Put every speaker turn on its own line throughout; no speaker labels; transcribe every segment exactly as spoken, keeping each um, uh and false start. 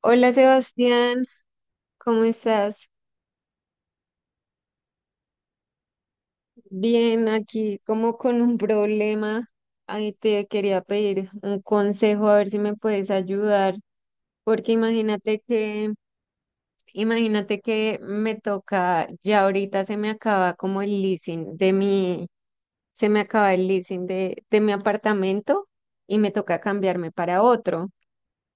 Hola, Sebastián, ¿cómo estás? Bien, aquí como con un problema. Ahí te quería pedir un consejo a ver si me puedes ayudar, porque imagínate que, imagínate que me toca, ya ahorita se me acaba como el leasing de mi, se me acaba el leasing de, de mi apartamento y me toca cambiarme para otro.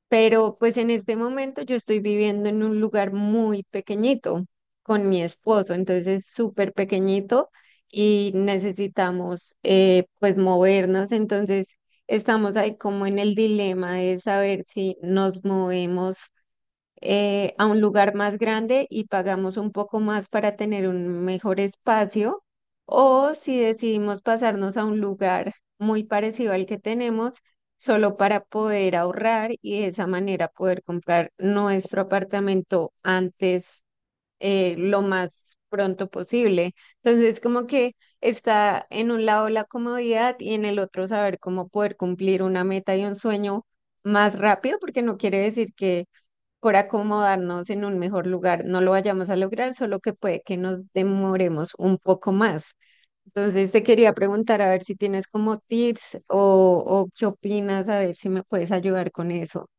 Pero pues en este momento yo estoy viviendo en un lugar muy pequeñito con mi esposo, entonces es súper pequeñito y necesitamos eh, pues movernos. Entonces estamos ahí como en el dilema de saber si nos movemos eh, a un lugar más grande y pagamos un poco más para tener un mejor espacio, o si decidimos pasarnos a un lugar muy parecido al que tenemos, solo para poder ahorrar y de esa manera poder comprar nuestro apartamento antes, eh, lo más pronto posible. Entonces, como que está en un lado la comodidad y en el otro saber cómo poder cumplir una meta y un sueño más rápido, porque no quiere decir que por acomodarnos en un mejor lugar no lo vayamos a lograr, solo que puede que nos demoremos un poco más. Entonces te quería preguntar a ver si tienes como tips o, o qué opinas, a ver si me puedes ayudar con eso.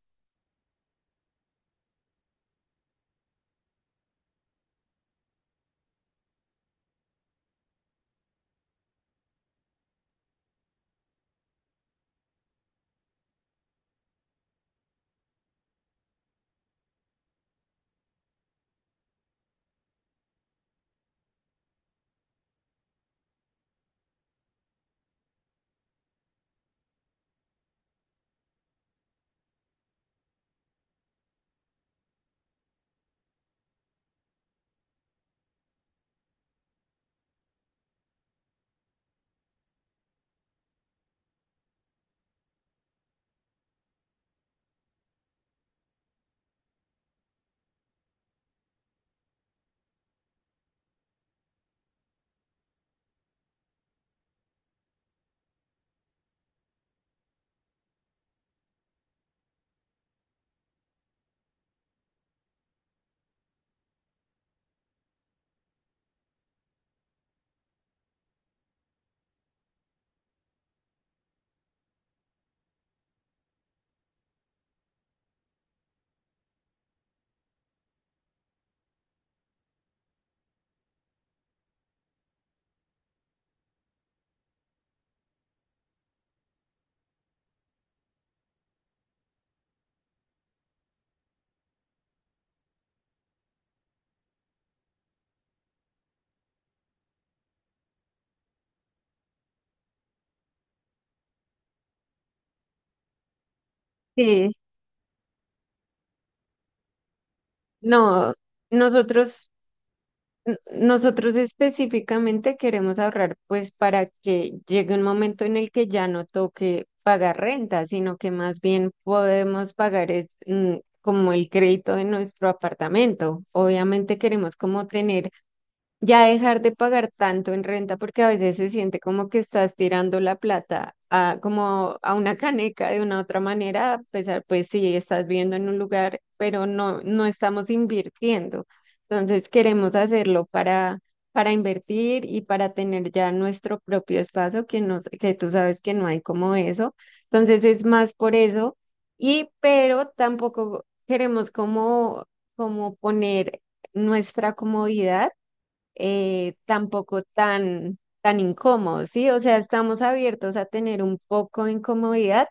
Sí. No, nosotros N- nosotros específicamente queremos ahorrar pues para que llegue un momento en el que ya no toque pagar renta, sino que más bien podemos pagar es, mm, como el crédito de nuestro apartamento. Obviamente queremos como tener ya dejar de pagar tanto en renta, porque a veces se siente como que estás tirando la plata a, como a una caneca de una otra manera. A pesar, pues sí, estás viviendo en un lugar, pero no, no estamos invirtiendo. Entonces queremos hacerlo para, para invertir y para tener ya nuestro propio espacio que, nos, que tú sabes que no hay como eso. Entonces es más por eso. Y pero tampoco queremos como, como poner nuestra comodidad eh, tampoco tan, tan incómodos, ¿sí? O sea, estamos abiertos a tener un poco de incomodidad,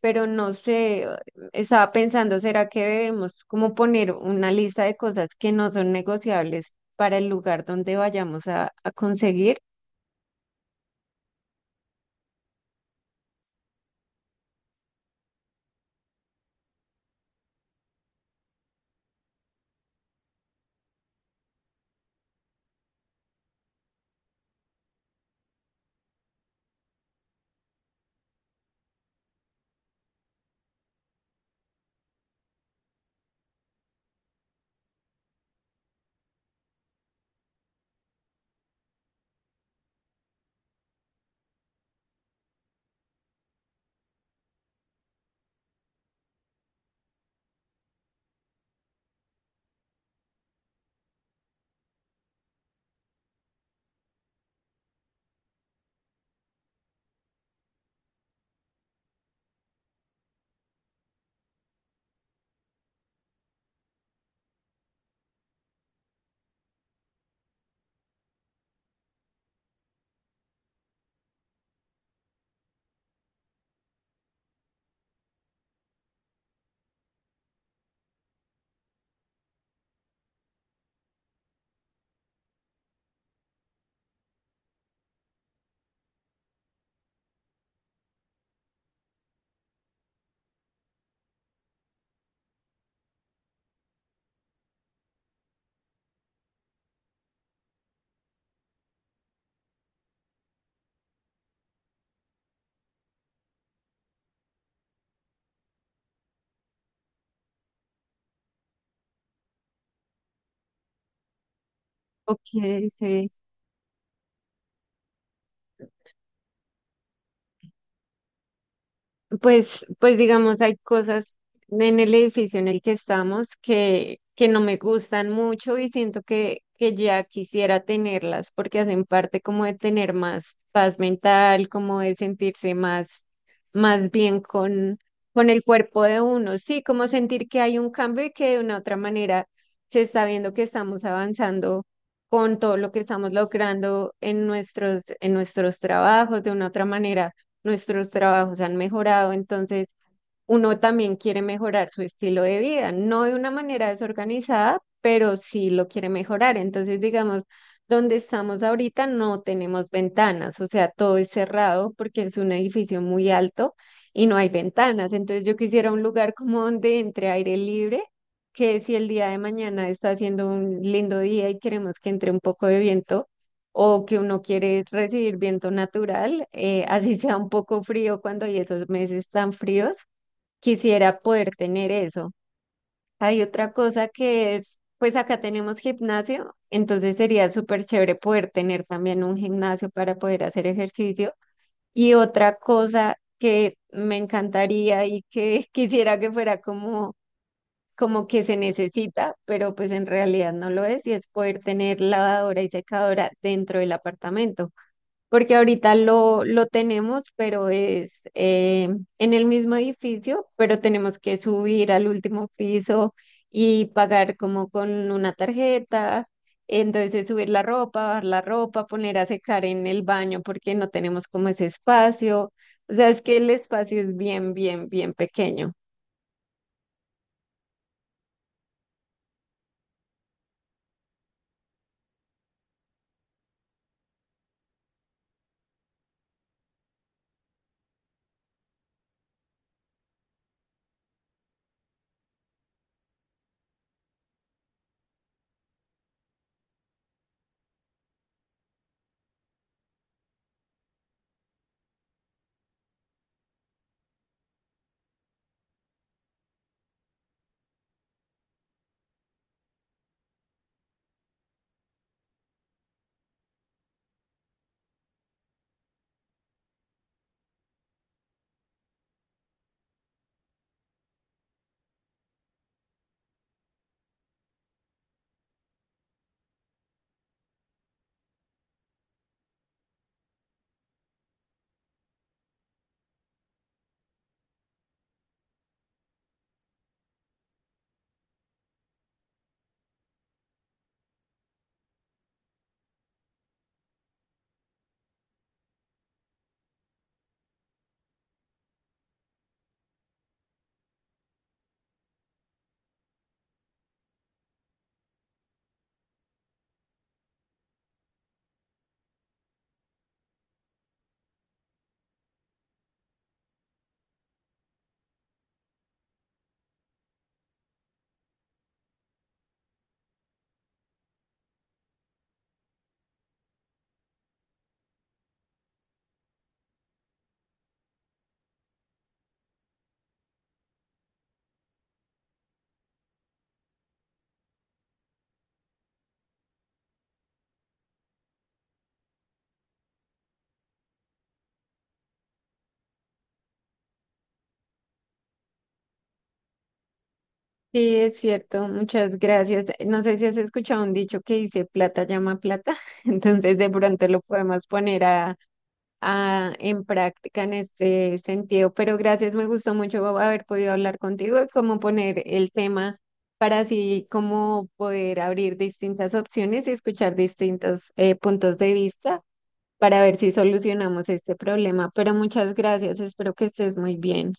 pero no sé, estaba pensando, ¿será que debemos como poner una lista de cosas que no son negociables para el lugar donde vayamos a, a conseguir? Ok, sí. Pues, pues digamos, hay cosas en el edificio en el que estamos que, que no me gustan mucho y siento que, que ya quisiera tenerlas porque hacen parte como de tener más paz mental, como de sentirse más, más bien con, con el cuerpo de uno. Sí, como sentir que hay un cambio y que de una u otra manera se está viendo que estamos avanzando con todo lo que estamos logrando en nuestros, en nuestros trabajos. De una u otra manera nuestros trabajos han mejorado, entonces uno también quiere mejorar su estilo de vida, no de una manera desorganizada, pero sí lo quiere mejorar. Entonces, digamos, donde estamos ahorita no tenemos ventanas, o sea, todo es cerrado porque es un edificio muy alto y no hay ventanas. Entonces, yo quisiera un lugar como donde entre aire libre, que si el día de mañana está haciendo un lindo día y queremos que entre un poco de viento, o que uno quiere recibir viento natural, eh, así sea un poco frío cuando hay esos meses tan fríos, quisiera poder tener eso. Hay otra cosa que es, pues acá tenemos gimnasio, entonces sería súper chévere poder tener también un gimnasio para poder hacer ejercicio. Y otra cosa que me encantaría y que quisiera que fuera como, como que se necesita, pero pues en realidad no lo es, y es poder tener lavadora y secadora dentro del apartamento porque ahorita lo, lo tenemos, pero es eh, en el mismo edificio, pero tenemos que subir al último piso y pagar como con una tarjeta. Entonces subir la ropa, bajar la ropa, poner a secar en el baño porque no tenemos como ese espacio. O sea, es que el espacio es bien, bien, bien pequeño. Sí, es cierto, muchas gracias. No sé si has escuchado un dicho que dice plata llama plata, entonces de pronto lo podemos poner a... ah, en práctica en este sentido. Pero gracias, me gustó mucho haber podido hablar contigo y cómo poner el tema para así como poder abrir distintas opciones y escuchar distintos eh, puntos de vista para ver si solucionamos este problema. Pero muchas gracias, espero que estés muy bien.